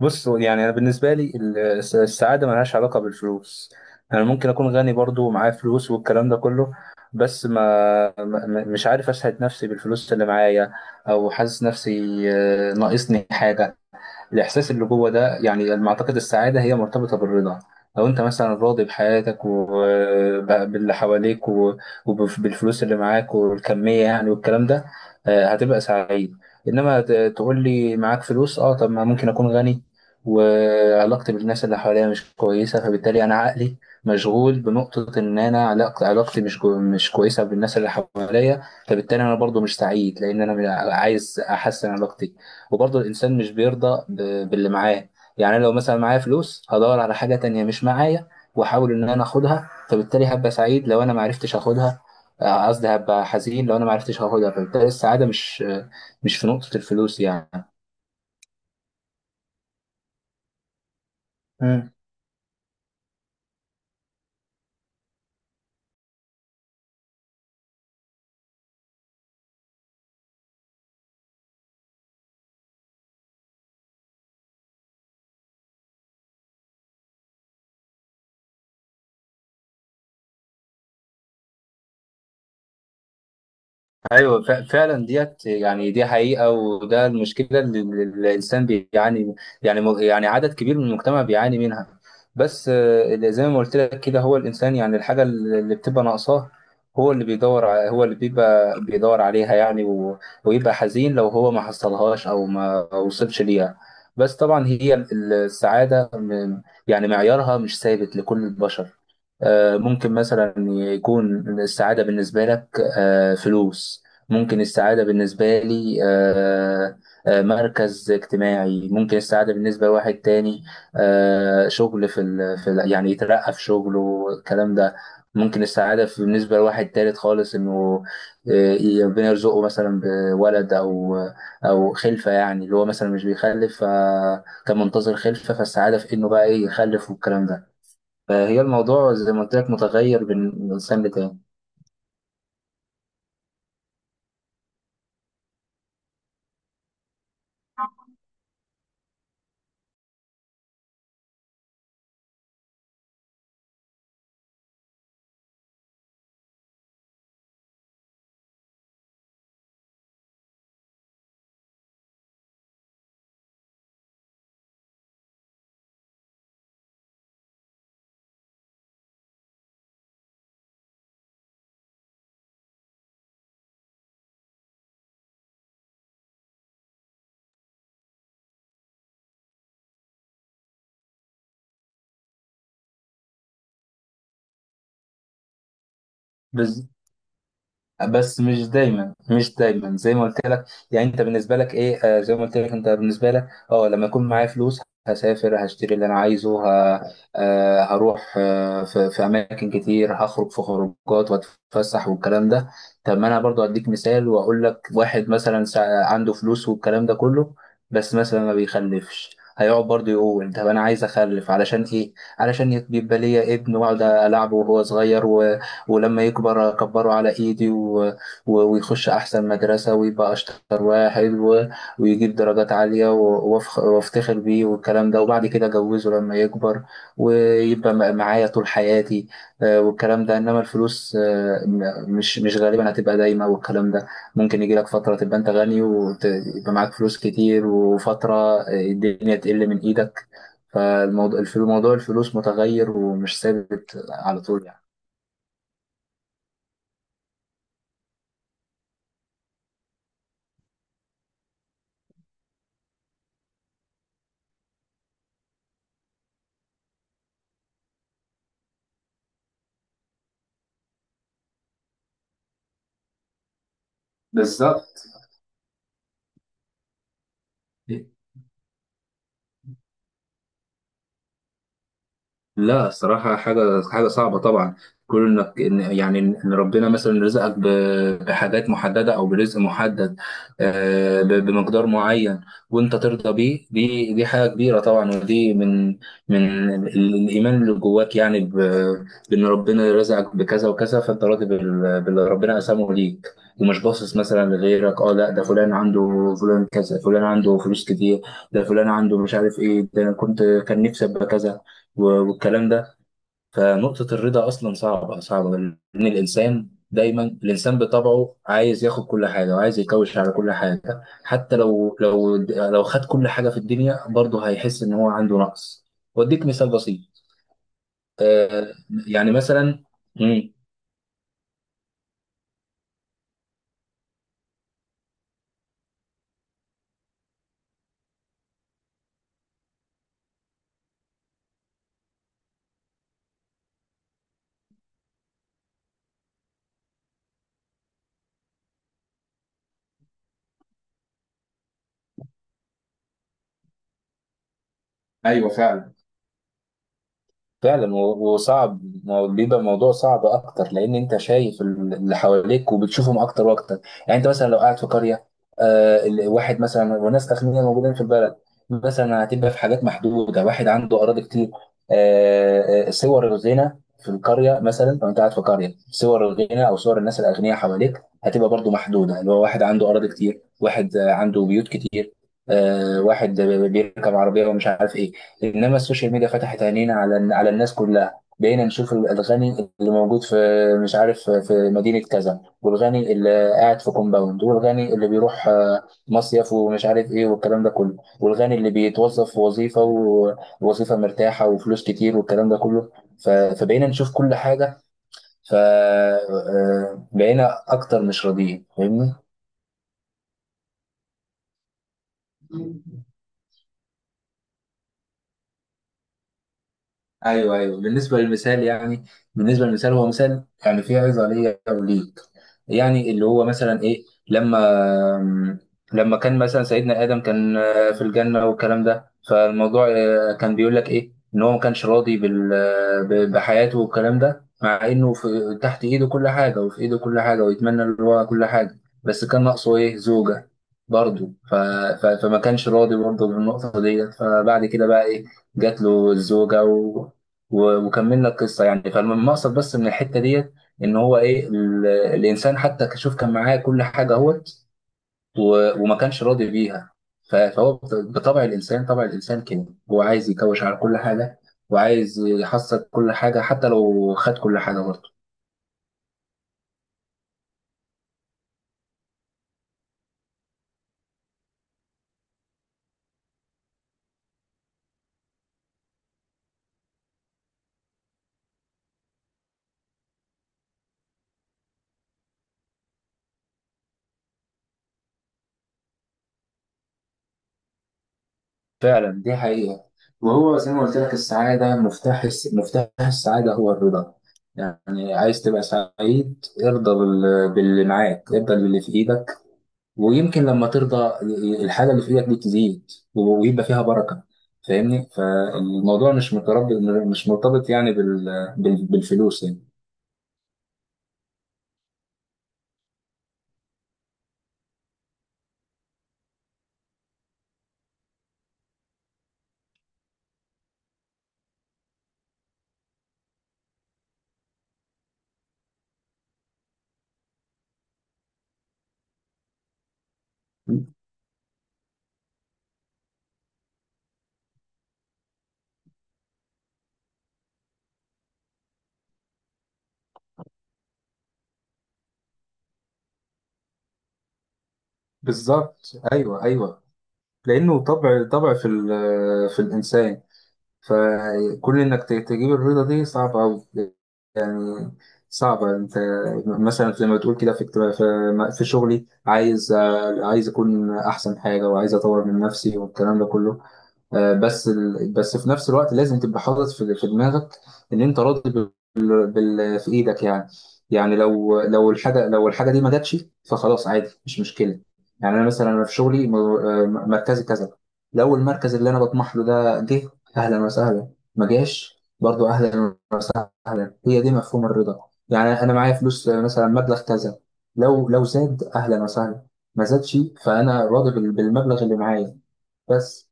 بص، هو يعني انا بالنسبه لي السعاده ملهاش علاقه بالفلوس. انا ممكن اكون غني برضو ومعايا فلوس والكلام ده كله، بس مش عارف اسعد نفسي بالفلوس اللي معايا، او حاسس نفسي ناقصني حاجه. الإحساس اللي جوه ده يعني على ما أعتقد السعادة هي مرتبطة بالرضا. لو أنت مثلا راضي بحياتك وباللي حواليك وبالفلوس اللي معاك والكمية يعني والكلام ده، هتبقى سعيد. إنما ت- تقول لي معاك فلوس، أه طب ما ممكن أكون غني وعلاقتي بالناس اللي حواليا مش كويسة، فبالتالي أنا عقلي مشغول بنقطة إن أنا علاقتي مش كويسة بالناس اللي حواليا، فبالتالي أنا برضو مش سعيد لأن أنا عايز أحسن علاقتي. وبرضه الإنسان مش بيرضى باللي معاه. يعني أنا لو مثلا معايا فلوس هدور على حاجة تانية مش معايا وأحاول إن أنا آخدها، فبالتالي هبقى سعيد لو أنا معرفتش آخدها. آه، قصدي هبقى حزين لو أنا معرفتش آخدها، فبالتالي السعادة مش في نقطة الفلوس يعني. ايوه فعلا ديت، يعني دي حقيقه، وده المشكله اللي الانسان بيعاني، يعني يعني عدد كبير من المجتمع بيعاني منها. بس آه، اللي زي ما قلت لك كده، هو الانسان يعني الحاجه اللي بتبقى ناقصاه هو هو اللي بيبقى بيدور عليها يعني ويبقى حزين لو هو ما حصلهاش او ما وصلش ليها. بس طبعا هي السعاده يعني معيارها مش ثابت لكل البشر. آه، ممكن مثلا يكون السعادة بالنسبة لك آه فلوس، ممكن السعادة بالنسبة لي مركز اجتماعي، ممكن السعادة بالنسبة لواحد تاني آه شغل يعني يترقى في شغله الكلام ده. ممكن السعادة بالنسبة لواحد تالت خالص إنه آه ربنا يرزقه مثلا بولد أو أو خلفة، يعني اللي هو مثلا مش بيخلف فكان منتظر خلفة، فالسعادة في إنه بقى إيه يخلف والكلام ده. فهي الموضوع زي ما قلت لك متغير بين من إنسان لتاني. بس بس مش دايما، مش دايما زي ما قلت لك. يعني انت بالنسبه لك ايه، آه زي ما قلت لك انت بالنسبه لك، اه لما يكون معايا فلوس هسافر هشتري اللي انا عايزه آه هروح في اماكن كتير، هخرج في خروجات واتفسح والكلام ده. طب ما انا برضو اديك مثال واقول لك، واحد مثلا عنده فلوس والكلام ده كله، بس مثلا ما بيخلفش، هيقعد برضه يقول طب انا عايز اخلف علشان ايه؟ علشان يبقى ليا ابن واقعد العبه وهو صغير، ولما يكبر كبره على ايدي ويخش احسن مدرسة ويبقى اشطر واحد ويجيب درجات عالية وافتخر بيه والكلام ده، وبعد كده اجوزه لما يكبر ويبقى معايا طول حياتي آه، والكلام ده. انما الفلوس آه، مش غالبا هتبقى دايما والكلام ده. ممكن يجي لك فترة تبقى انت غني ويبقى معاك فلوس كتير، وفترة آه الدنيا تقل من ايدك. فالموضوع موضوع الفلوس متغير ومش ثابت على طول يعني. بالظبط. لا الصراحة حاجة صعبة طبعا. كون يعني ان ربنا مثلا رزقك بحاجات محددة او برزق محدد آه بمقدار معين، وانت ترضى بيه، دي حاجة كبيرة طبعا. ودي من الايمان اللي جواك يعني بان ربنا رزقك بكذا وكذا، فانت راضي باللي ربنا قسمه ليك، ومش باصص مثلا لغيرك. اه لا ده فلان عنده، فلان كذا، فلان عنده فلوس كتير، ده فلان عنده مش عارف ايه، ده انا كنت كان نفسي ابقى كذا و- والكلام ده. فنقطة الرضا أصلا صعبة لأن الإنسان دايما، الإنسان بطبعه عايز ياخد كل حاجة وعايز يكوش على كل حاجة، حتى لو لو خد كل حاجة في الدنيا برضه هيحس إن هو عنده نقص. وأديك مثال بسيط. آه، يعني مثلا، مم، ايوه فعلا. فعلا وصعب، ما هو بيبقى الموضوع صعب اكتر لان انت شايف اللي حواليك وبتشوفهم اكتر واكتر. يعني انت مثلا لو قاعد في قريه، واحد مثلا وناس اغنياء موجودين في البلد مثلا، هتبقى في حاجات محدوده، واحد عنده اراضي كتير. صور الغنى في القريه، مثلا لو انت قاعد في قريه صور الغنى او صور الناس الاغنياء حواليك هتبقى برضو محدوده، اللي هو واحد عنده اراضي كتير، واحد آه عنده بيوت كتير، آه واحد بيركب عربيه ومش عارف ايه. انما السوشيال ميديا فتحت عينينا على الناس كلها، بقينا نشوف الغني اللي موجود في مش عارف في مدينة كذا، والغني اللي قاعد في كومباوند، والغني اللي بيروح آه مصيف ومش عارف ايه والكلام ده كله، والغني اللي بيتوظف في وظيفة ووظيفة مرتاحة وفلوس كتير والكلام ده كله. فبقينا نشوف كل حاجة، فبقينا أكتر مش راضيين. فاهمني؟ ايوه ايوه. بالنسبه للمثال يعني، بالنسبه للمثال هو مثال يعني فيه عظه ليا وليك. يعني اللي هو مثلا ايه، لما لما كان مثلا سيدنا ادم كان في الجنه والكلام ده، فالموضوع آه كان بيقول لك ايه، ان هو ما كانش راضي بحياته والكلام ده، مع انه في تحت ايده كل حاجه وفي ايده كل حاجه ويتمنى اللي هو كل حاجه، بس كان ناقصه ايه؟ زوجه برضه. فما كانش راضي برضه بالنقطه ديت، فبعد كده بقى ايه، جات له الزوجة وكملنا القصه يعني. فالمقصد بس من الحته ديت ان هو ايه، الانسان حتى شوف كان معاه كل حاجه اهوت وما كانش راضي بيها. بطبع الانسان، طبع الانسان كده هو عايز يكوش على كل حاجه وعايز يحصل كل حاجه حتى لو خد كل حاجه برضه. فعلا دي حقيقه. وهو زي ما قلت لك السعاده، مفتاح السعاده هو الرضا. يعني عايز تبقى سعيد ارضى باللي معاك، ارضى باللي في ايدك، ويمكن لما ترضى الحاجة اللي في ايدك دي تزيد ويبقى فيها بركة. فاهمني، فالموضوع مش مرتبط، مش مرتبط يعني بالفلوس يعني. بالظبط ايوه ايوه. لانه طبع في الانسان، تجيب الرضا دي صعبة أوي. يعني صعبة انت مثلا لما تقول كده في اكتب- في في شغلي، عايز اكون احسن حاجة وعايز اطور من نفسي والكلام ده كله آه، بس في نفس الوقت لازم تبقى حاطط في دماغك ان انت راضي بال... بال... في ايدك يعني. يعني لو الحاجه دي ما جاتش فخلاص عادي مش مشكله. يعني انا مثلا انا في شغلي آه مركزي كذا، لو المركز اللي انا بطمح له ده جه اهلا وسهلا، ما جاش برضو اهلا وسهلا، هي دي مفهوم الرضا. يعني انا معايا فلوس آه مثلا مبلغ كذا، لو زاد اهلا وسهلا، ما زادش فانا راضي بالمبلغ اللي معايا بس.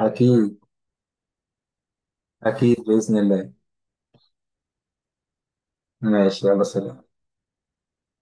اكيد. أكيد بإذن الله. ماشي يلا سلام.